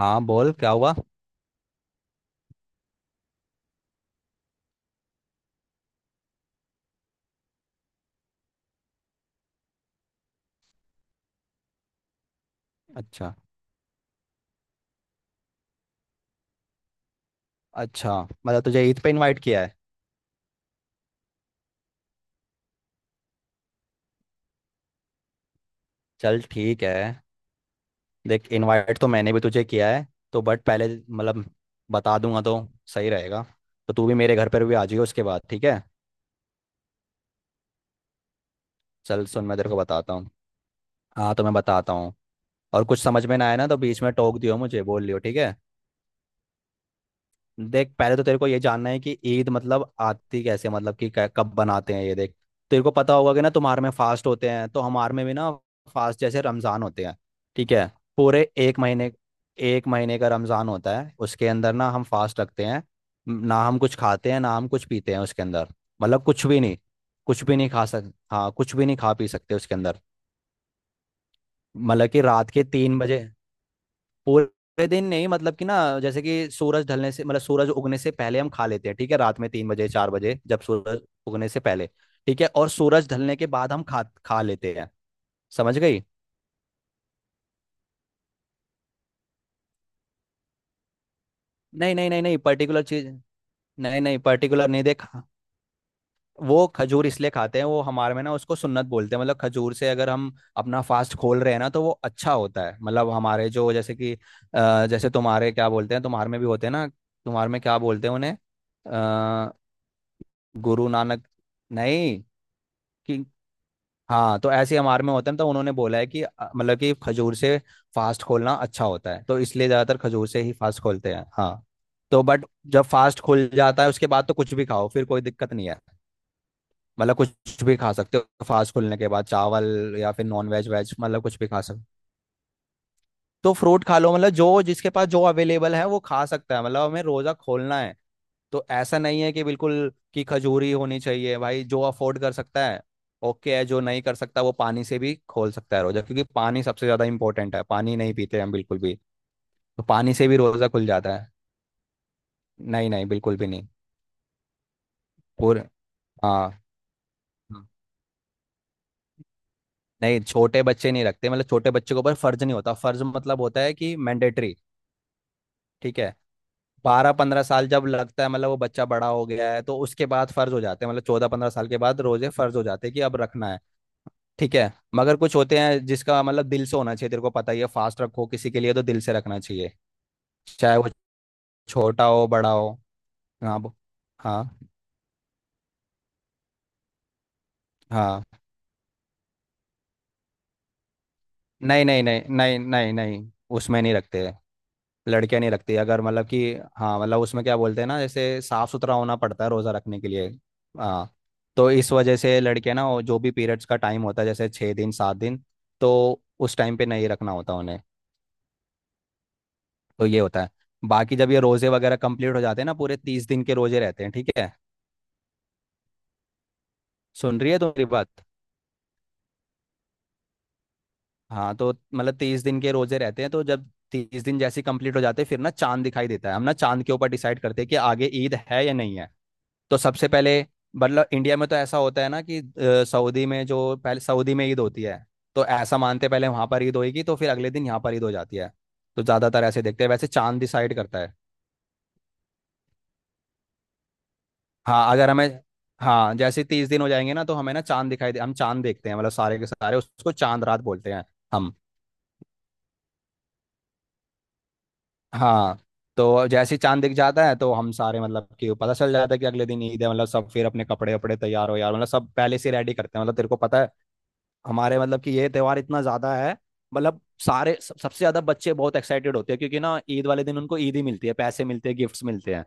हाँ, बोल क्या हुआ। अच्छा। अच्छा, मतलब तुझे ईद पे इनवाइट किया है। चल ठीक है। देख, इनवाइट तो मैंने भी तुझे किया है, तो बट पहले मतलब बता दूंगा तो सही रहेगा। तो तू भी मेरे घर पर भी आ जाइयो उसके बाद, ठीक है। चल सुन, मैं तेरे को बताता हूँ। हाँ तो मैं बताता हूँ। और कुछ समझ में ना आया ना तो बीच में टोक दियो, मुझे बोल लियो, ठीक है। देख पहले तो तेरे को ये जानना है कि ईद मतलब आती कैसे, मतलब कि कब बनाते हैं ये, देख। तेरे को पता होगा कि ना, तुम्हारे में फास्ट होते हैं तो हमारे में भी ना फास्ट जैसे रमज़ान होते हैं, ठीक है। पूरे एक महीने, एक महीने का रमज़ान होता है, उसके अंदर ना हम फास्ट रखते हैं। ना हम कुछ खाते हैं ना हम कुछ पीते हैं उसके अंदर, मतलब कुछ भी नहीं। कुछ भी नहीं खा सक, हाँ कुछ भी नहीं खा पी सकते उसके अंदर। मतलब कि रात के 3 बजे, पूरे दिन नहीं, मतलब कि ना, जैसे कि सूरज ढलने से, मतलब सूरज उगने से पहले हम खा लेते हैं, ठीक है, रात में 3 बजे 4 बजे जब सूरज उगने से पहले, ठीक है। और सूरज ढलने के बाद हम खा खा लेते हैं। समझ गई। नहीं नहीं नहीं नहीं पर्टिकुलर चीज, नहीं नहीं पर्टिकुलर नहीं देखा। वो खजूर इसलिए खाते हैं, वो हमारे में ना उसको सुन्नत बोलते हैं। मतलब खजूर से अगर हम अपना फास्ट खोल रहे हैं ना तो वो अच्छा होता है। मतलब हमारे जो जैसे कि जैसे तुम्हारे क्या बोलते हैं, तुम्हारे में भी होते हैं ना, तुम्हारे में क्या बोलते हैं उन्हें। गुरु नानक, नहीं। कि हाँ, तो ऐसे हम आर्मी होते हैं तो उन्होंने बोला है कि मतलब कि खजूर से फास्ट खोलना अच्छा होता है, तो इसलिए ज़्यादातर खजूर से ही फास्ट खोलते हैं, हाँ। तो बट जब फास्ट खुल जाता है उसके बाद तो कुछ भी खाओ, फिर कोई दिक्कत नहीं है। मतलब कुछ भी खा सकते हो फास्ट खुलने के बाद, चावल या फिर नॉन वेज वेज, मतलब कुछ भी खा सकते हो। तो फ्रूट खा लो, मतलब जो जिसके पास जो अवेलेबल है वो खा सकता है, मतलब हमें रोज़ा खोलना है। तो ऐसा नहीं है कि बिल्कुल कि खजूरी होनी चाहिए, भाई जो अफोर्ड कर सकता है, ओके है, जो नहीं कर सकता वो पानी से भी खोल सकता है रोजा, क्योंकि पानी सबसे ज्यादा इंपॉर्टेंट है, पानी नहीं पीते हम बिल्कुल भी। तो पानी से भी रोजा खुल जाता है। नहीं नहीं, बिल्कुल भी नहीं। पूरे, हाँ। हाँ। नहीं, छोटे बच्चे नहीं रखते, मतलब छोटे बच्चे के ऊपर फर्ज नहीं होता। फर्ज मतलब होता है कि मैंडेटरी, ठीक है। 12-15 साल जब लगता है मतलब वो बच्चा बड़ा हो गया है, तो उसके बाद फर्ज हो जाते हैं, मतलब 14-15 साल के बाद रोजे फर्ज हो जाते हैं कि अब रखना है, ठीक है। मगर कुछ होते हैं जिसका मतलब दिल से होना चाहिए, तेरे को पता ही है, फास्ट रखो किसी के लिए तो दिल से रखना चाहिए, चाहे वो छोटा हो बड़ा हो। हाँ हाँ। हाँ। नहीं नहीं नहीं नहीं नहीं नहीं, उसमें नहीं रखते, लड़कियां नहीं रखती अगर मतलब कि। हाँ, मतलब उसमें क्या बोलते हैं ना, जैसे साफ सुथरा होना पड़ता है रोजा रखने के लिए, हाँ। तो इस वजह से लड़के ना, वो जो भी पीरियड्स का टाइम होता है जैसे 6 दिन 7 दिन, तो उस टाइम पे नहीं रखना होता उन्हें, तो ये होता है। बाकी जब ये रोजे वगैरह कंप्लीट हो जाते हैं ना, पूरे 30 दिन के रोजे रहते हैं, ठीक है। सुन रही है तो मेरी बात? हाँ, तो मतलब 30 दिन के रोजे रहते हैं, तो जब 30 दिन जैसे कंप्लीट हो जाते हैं, फिर ना चांद दिखाई देता है, हम ना चांद के ऊपर डिसाइड करते हैं कि आगे ईद है या नहीं है। तो सबसे पहले मतलब इंडिया में तो ऐसा होता है ना कि सऊदी में जो, पहले सऊदी में ईद होती है, तो ऐसा मानते हैं पहले वहां पर ईद होगी तो फिर अगले दिन यहाँ पर ईद हो जाती है। तो ज्यादातर ऐसे देखते हैं, वैसे चांद डिसाइड करता है। हाँ अगर हमें, हाँ जैसे तीस दिन हो जाएंगे ना तो हमें ना चांद दिखाई दे, हम चांद देखते हैं, मतलब सारे के सारे, उसको चांद रात बोलते हैं हम। हाँ, तो जैसे ही चांद दिख जाता है तो हम सारे मतलब कि पता चल जाता है कि अगले दिन ईद है, मतलब सब फिर अपने कपड़े वपड़े तैयार हो यार, मतलब सब पहले से रेडी करते हैं, मतलब तेरे को पता है, हमारे मतलब कि ये त्योहार इतना ज्यादा है, मतलब सारे सब, सबसे ज्यादा बच्चे बहुत एक्साइटेड होते हैं क्योंकि ना ईद वाले दिन उनको ईद ही मिलती है, पैसे मिलते हैं गिफ्ट्स मिलते हैं।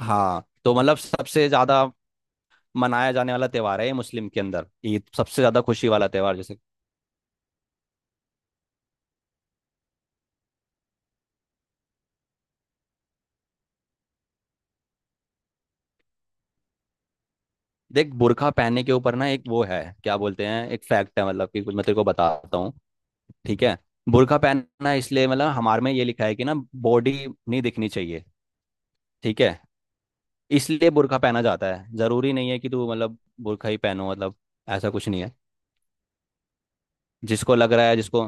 हाँ तो मतलब सबसे ज्यादा मनाया जाने वाला त्यौहार है ये मुस्लिम के अंदर, ईद सबसे ज्यादा खुशी वाला त्यौहार जैसे। देख बुर्का पहनने के ऊपर ना, एक वो है क्या बोलते हैं, एक फैक्ट है, मतलब कि कुछ मैं तेरे को बताता हूँ, ठीक है। बुर्का पहनना इसलिए, मतलब हमारे में ये लिखा है कि ना, बॉडी नहीं दिखनी चाहिए, ठीक है, इसलिए बुर्का पहना जाता है। जरूरी नहीं है कि तू मतलब बुर्का ही पहनो, मतलब ऐसा कुछ नहीं है, जिसको लग रहा है जिसको।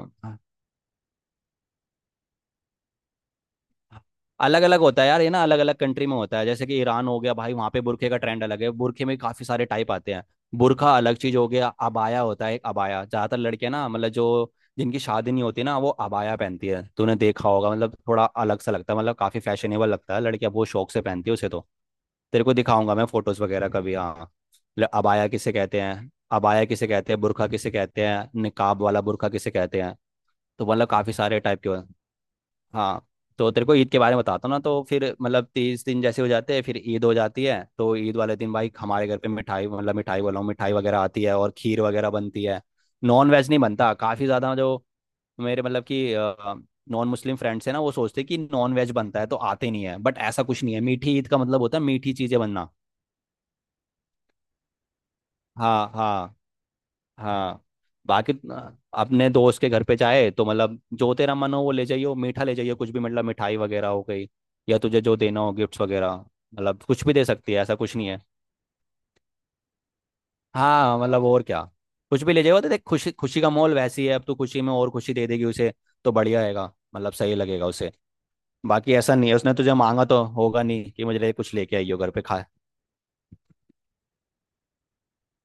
अलग अलग होता है यार ये, ना अलग अलग कंट्री में होता है, जैसे कि ईरान हो गया, भाई वहाँ पे बुरखे का ट्रेंड अलग है, बुरखे में काफी सारे टाइप आते हैं। बुरखा अलग चीज हो गया, अबाया होता है एक, अबाया ज्यादातर लड़कियां ना मतलब जो जिनकी शादी नहीं होती ना, वो अबाया पहनती है, तूने देखा होगा मतलब थोड़ा अलग सा लगता है, मतलब काफी फैशनेबल लगता है, लड़कियां बहुत शौक से पहनती है उसे, तो तेरे को दिखाऊंगा मैं फोटोज वगैरह कभी, हाँ। अबाया किसे कहते हैं, अबाया किसे कहते हैं, बुरखा किसे कहते हैं, निकाब वाला बुरखा किसे कहते हैं, तो मतलब काफी सारे टाइप के हाँ। तो तेरे को ईद के बारे में बताता हूँ ना, तो फिर मतलब तीस दिन जैसे हो जाते हैं फिर ईद हो जाती है, तो ईद वाले दिन भाई हमारे घर पे मिठाई, मतलब मिठाई बोला हूँ, मिठाई वगैरह आती है और खीर वगैरह बनती है। नॉन वेज नहीं बनता काफ़ी ज़्यादा, जो मेरे मतलब कि नॉन मुस्लिम फ्रेंड्स हैं ना, वो सोचते हैं कि नॉन वेज बनता है तो आते नहीं है, बट ऐसा कुछ नहीं है, मीठी ईद का मतलब होता है मीठी चीज़ें बनना। हाँ हाँ। हाँ। बाकी अपने दोस्त के घर पे जाए तो मतलब जो तेरा मन हो वो ले जाइयो, मीठा ले जाइयो कुछ भी, मतलब मिठाई वगैरह हो गई, या तुझे जो देना हो गिफ्ट्स वगैरह, मतलब कुछ भी दे सकती है, ऐसा कुछ नहीं है। हाँ मतलब और क्या, कुछ भी ले जाइयो। तो देख खुशी खुशी का माहौल वैसी है, अब तू खुशी में और खुशी दे देगी उसे, तो बढ़िया रहेगा, मतलब सही लगेगा उसे। बाकी ऐसा नहीं है, उसने तुझे मांगा तो होगा नहीं कि मुझे कुछ लेके आइयो घर पे, खा।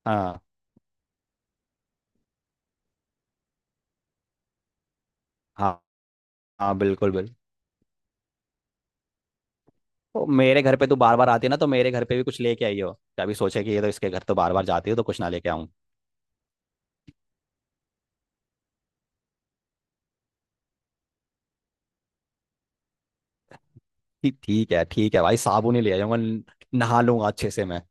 हाँ। हाँ, हाँ बिल्कुल बिल्कुल। तो मेरे घर पे तू बार बार आती है ना, तो मेरे घर पे भी कुछ लेके आई हो, कभी सोचे कि ये तो इसके घर तो बार बार जाती है तो कुछ ना लेके आऊं। ठीक ठीक है, ठीक है भाई, साबुन ही ले जाऊंगा नहा लूंगा अच्छे से मैं।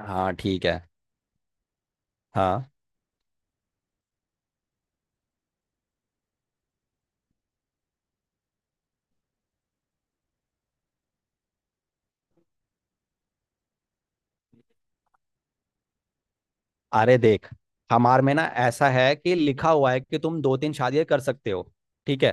हाँ ठीक है। हाँ। अरे देख, हमार में ना ऐसा है कि लिखा हुआ है कि तुम 2-3 शादियां कर सकते हो, ठीक है।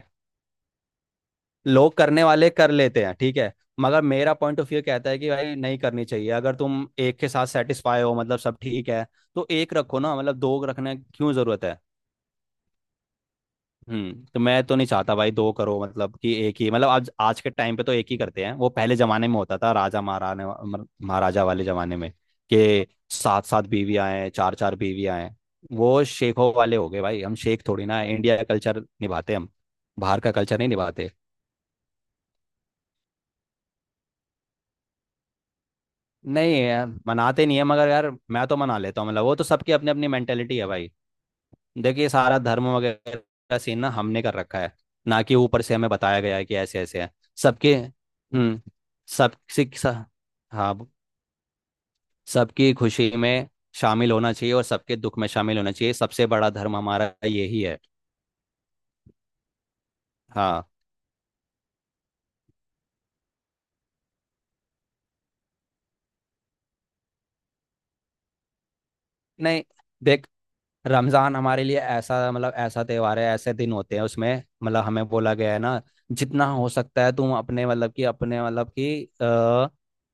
लोग करने वाले कर लेते हैं, ठीक है। मगर मेरा पॉइंट ऑफ व्यू कहता है कि भाई नहीं करनी चाहिए, अगर तुम एक के साथ सेटिस्फाई हो मतलब सब ठीक है, तो एक रखो ना, मतलब दो रखने की क्यों जरूरत है। हम्म, तो मैं तो नहीं चाहता भाई दो करो, मतलब कि एक ही, मतलब आज आज के टाइम पे तो एक ही करते हैं, वो पहले जमाने में होता था राजा महाराजा वाले जमाने में कि 7-7 बीवियां हैं, 4-4 बीवियां हैं, वो शेखों वाले हो गए, भाई हम शेख थोड़ी ना हैं, इंडिया का कल्चर निभाते हैं हम, बाहर का कल्चर नहीं निभाते। नहीं यार मनाते नहीं है, मगर यार मैं तो मना लेता हूँ, मतलब वो तो सबकी अपनी अपनी मेंटेलिटी है भाई। देखिए सारा धर्म वगैरह का सीन ना हमने कर रखा है ना, कि ऊपर से हमें बताया गया है कि ऐसे ऐसे है। सबके, हम्म। सब सिख सा- हाँ। सबकी खुशी में शामिल होना चाहिए और सबके दुख में शामिल होना चाहिए, सबसे बड़ा धर्म हमारा यही है। हाँ। नहीं देख, रमजान हमारे लिए ऐसा मतलब ऐसा त्योहार है, ऐसे दिन होते हैं उसमें, मतलब हमें बोला गया है ना, जितना हो सकता है तुम अपने मतलब कि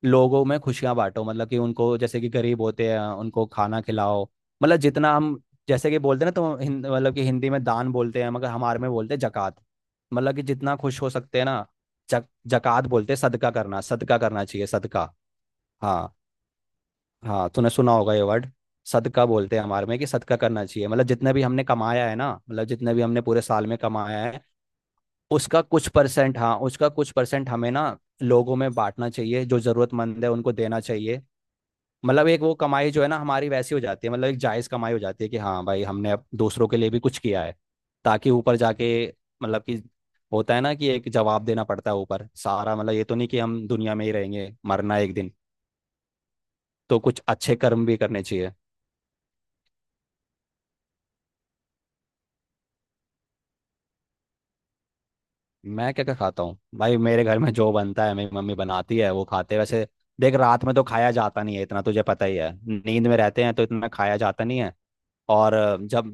लोगों में खुशियां बांटो, मतलब कि उनको, जैसे कि गरीब होते हैं उनको खाना खिलाओ, मतलब जितना हम, जैसे कि बोलते हैं ना तो हिंद मतलब कि हिंदी में दान बोलते हैं, मगर हमारे में बोलते हैं जकात, मतलब कि जितना खुश हो सकते हैं ना, जकात बोलते हैं, सदका करना, सदका करना चाहिए, सदका। हाँ। हाँ तूने सुना होगा ये वर्ड, सदका बोलते हैं हमारे में कि सदका करना चाहिए, मतलब जितने भी हमने कमाया है ना, मतलब जितने भी हमने पूरे साल में कमाया है, उसका कुछ परसेंट, हाँ उसका कुछ परसेंट हमें ना लोगों में बांटना चाहिए, जो जरूरतमंद है उनको देना चाहिए, मतलब एक वो कमाई जो है ना हमारी वैसी हो जाती है, मतलब एक जायज कमाई हो जाती है कि हाँ भाई हमने अब दूसरों के लिए भी कुछ किया है, ताकि ऊपर जाके मतलब कि, होता है ना कि एक जवाब देना पड़ता है ऊपर सारा, मतलब ये तो नहीं कि हम दुनिया में ही रहेंगे, मरना है एक दिन, तो कुछ अच्छे कर्म भी करने चाहिए। मैं क्या क्या खाता हूँ भाई, मेरे घर में जो बनता है मेरी मम्मी बनाती है, वो खाते हैं वैसे। देख रात में तो खाया जाता नहीं है इतना, तुझे पता ही है, नींद में रहते हैं तो इतना खाया जाता नहीं है। और जब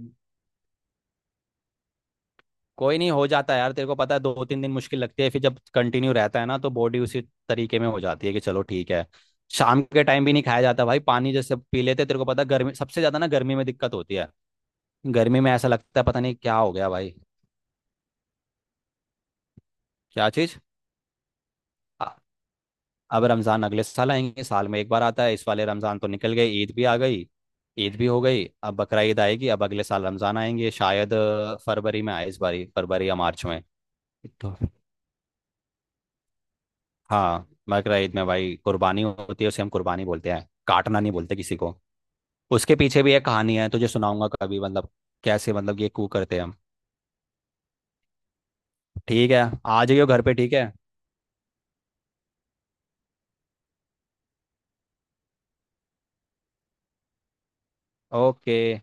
कोई नहीं हो जाता है यार, तेरे को पता है 2-3 दिन मुश्किल लगती है, फिर जब कंटिन्यू रहता है ना तो बॉडी उसी तरीके में हो जाती है कि चलो ठीक है। शाम के टाइम भी नहीं खाया जाता भाई, पानी जैसे पी लेते हैं, तेरे को पता है गर्मी सबसे ज़्यादा, ना गर्मी में दिक्कत होती है, गर्मी में ऐसा लगता है पता नहीं क्या हो गया भाई। क्या चीज़? अब रमज़ान अगले साल आएंगे, साल में एक बार आता है, इस वाले रमज़ान तो निकल गए, ईद भी आ गई, ईद भी हो गई, अब बकरा ईद आएगी, अब अगले साल रमज़ान आएंगे, शायद फरवरी में आए इस बारी, फरवरी या मार्च में तो। हाँ बकरा ईद में भाई कुर्बानी होती है, उसे हम कुर्बानी बोलते हैं, काटना नहीं बोलते किसी को। उसके पीछे भी एक कहानी है, तुझे सुनाऊंगा कभी, मतलब कैसे मतलब ये कू करते हैं हम। ठीक है आ जाइयो घर पे, ठीक है। ओके।